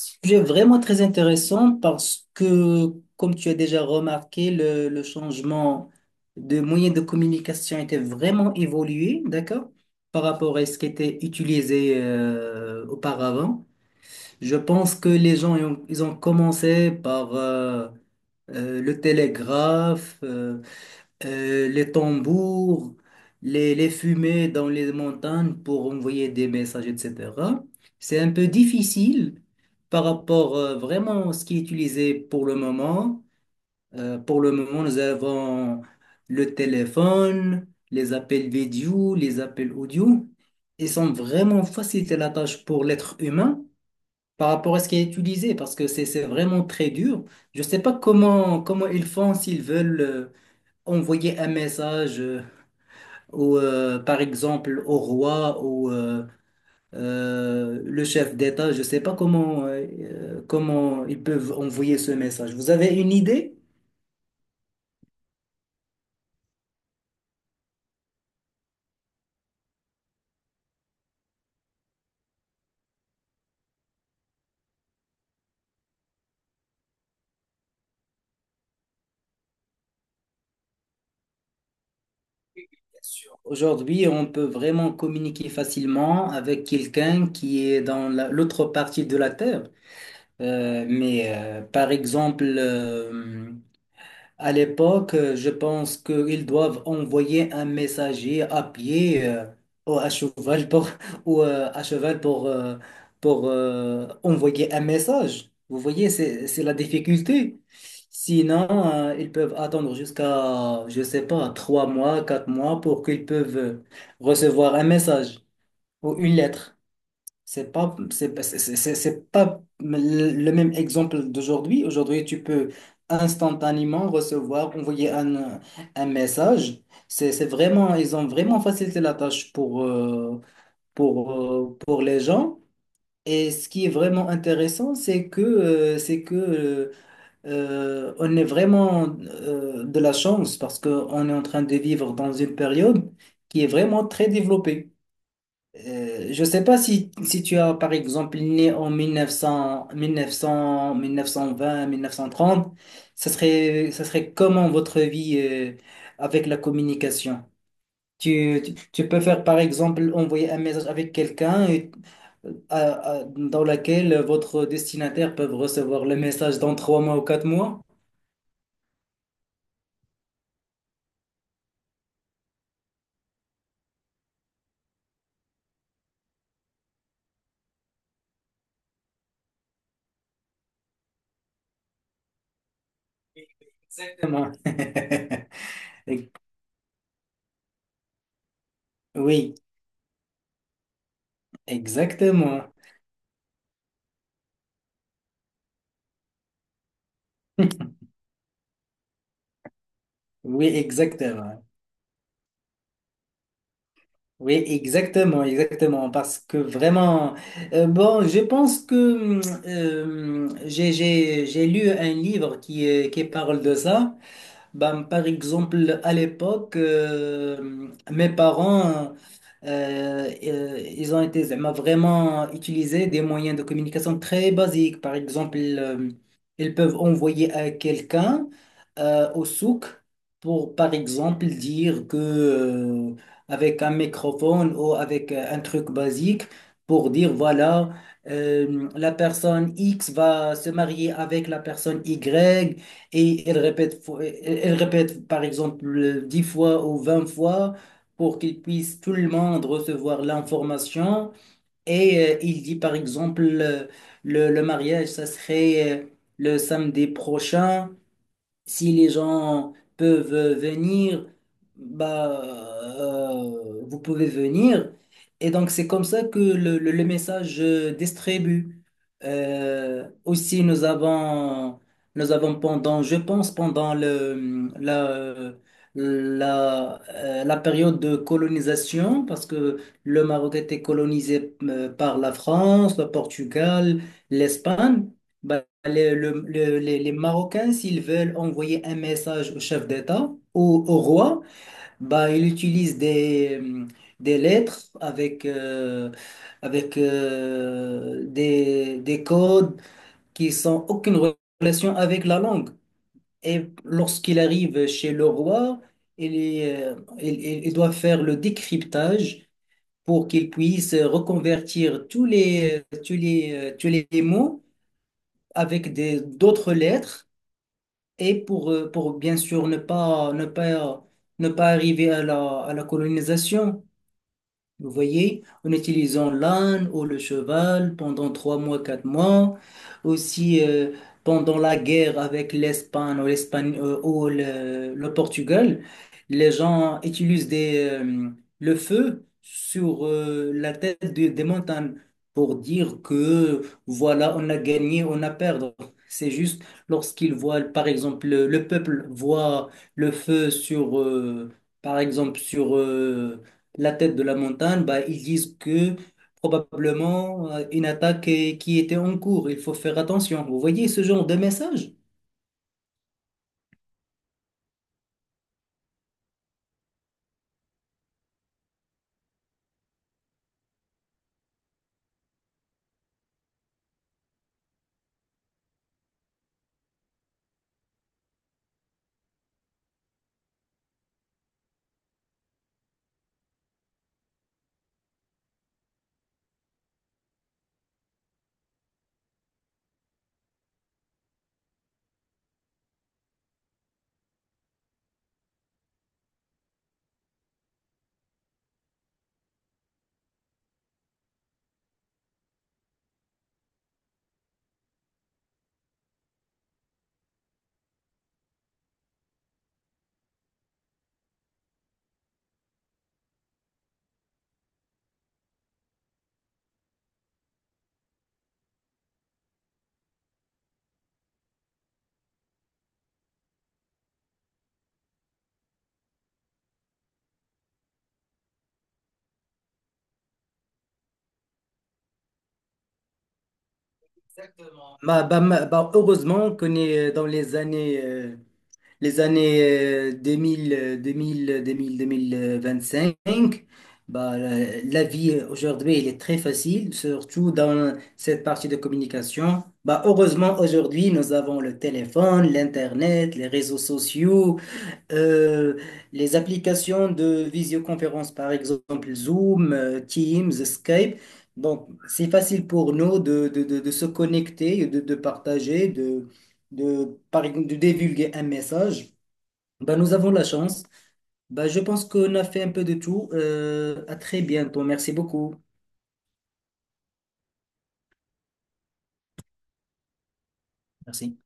Sujet vraiment très intéressant parce que, comme tu as déjà remarqué, le changement de moyens de communication était vraiment évolué, d'accord, par rapport à ce qui était utilisé auparavant. Je pense que les gens, ils ont commencé par le télégraphe, les tambours, les fumées dans les montagnes pour envoyer des messages, etc. C'est un peu difficile par rapport vraiment à ce qui est utilisé pour le moment. Pour le moment, nous avons le téléphone, les appels vidéo, les appels audio. Ils sont vraiment facilités la tâche pour l'être humain par rapport à ce qui est utilisé parce que c'est vraiment très dur. Je ne sais pas comment ils font s'ils veulent envoyer un message, par exemple, au roi ou le chef d'État. Je ne sais pas comment ils peuvent envoyer ce message. Vous avez une idée? Aujourd'hui, on peut vraiment communiquer facilement avec quelqu'un qui est dans l'autre partie de la Terre. Mais par exemple, à l'époque, je pense qu'ils doivent envoyer un messager à pied ou à cheval pour, ou, à cheval pour envoyer un message. Vous voyez, c'est la difficulté. Sinon, ils peuvent attendre jusqu'à, je sais pas, 3 mois, 4 mois pour qu'ils peuvent recevoir un message ou une lettre. C'est pas le même exemple d'aujourd'hui. Aujourd'hui, tu peux instantanément recevoir, envoyer un message. Ils ont vraiment facilité la tâche pour les gens. Et ce qui est vraiment intéressant, c'est que on est vraiment de la chance parce qu'on est en train de vivre dans une période qui est vraiment très développée. Je ne sais pas si tu as, par exemple, né en 1930, ça serait comment votre vie avec la communication? Tu peux faire, par exemple, envoyer un message avec quelqu'un à- dans laquelle votre destinataire peut recevoir le message dans 3 mois ou 4 mois? Exactement. Oui, exactement. Oui, exactement. Oui, exactement, exactement, parce que vraiment, bon, je pense que hum, j'ai lu un livre qui parle de ça. Ben, par exemple, à l'époque, mes parents, ils ont été z'ama, vraiment utilisés des moyens de communication très basiques. Par exemple, ils peuvent envoyer à quelqu'un au souk pour, par exemple, dire que avec un microphone ou avec un truc basique, pour dire, voilà, la personne X va se marier avec la personne Y. Et elle répète, elle répète par exemple 10 fois ou 20 fois pour qu'il puisse tout le monde recevoir l'information. Et il dit par exemple le mariage, ça serait le samedi prochain. Si les gens peuvent venir, bah, vous pouvez venir. Et donc, c'est comme ça que le message distribue. Aussi, nous avons pendant, je pense, pendant la période de colonisation, parce que le Maroc était colonisé par la France, le Portugal, l'Espagne. Bah, les Marocains, s'ils veulent envoyer un message au chef d'État, au roi, bah, ils utilisent des lettres avec des codes qui sont aucune relation avec la langue. Et lorsqu'il arrive chez le roi, il, est, il doit faire le décryptage pour qu'il puisse reconvertir tous les mots avec d'autres lettres et pour bien sûr ne pas arriver à à la colonisation, vous voyez, en utilisant l'âne ou le cheval pendant 3 mois, 4 mois, aussi pendant la guerre avec l'Espagne ou l'Espagne ou le Portugal, les gens utilisent le feu sur la tête des montagnes pour dire que voilà, on a gagné, on a perdu. C'est juste lorsqu'ils voient, par exemple, le peuple voit le feu sur, par exemple, sur la tête de la montagne, bah, ils disent que probablement une attaque qui était en cours, il faut faire attention. Vous voyez ce genre de message? Bah, heureusement qu'on est dans les années 2000, 2000, 2000, 2025. Bah, la vie aujourd'hui, elle est très facile, surtout dans cette partie de communication. Bah, heureusement, aujourd'hui, nous avons le téléphone, l'Internet, les réseaux sociaux. Euh, les applications de visioconférence, par exemple Zoom, Teams, Skype. Donc, c'est facile pour nous de se connecter, de partager, de, par exemple, de divulguer un message. Ben, nous avons la chance. Ben, je pense qu'on a fait un peu de tout. À très bientôt. Merci beaucoup. Merci.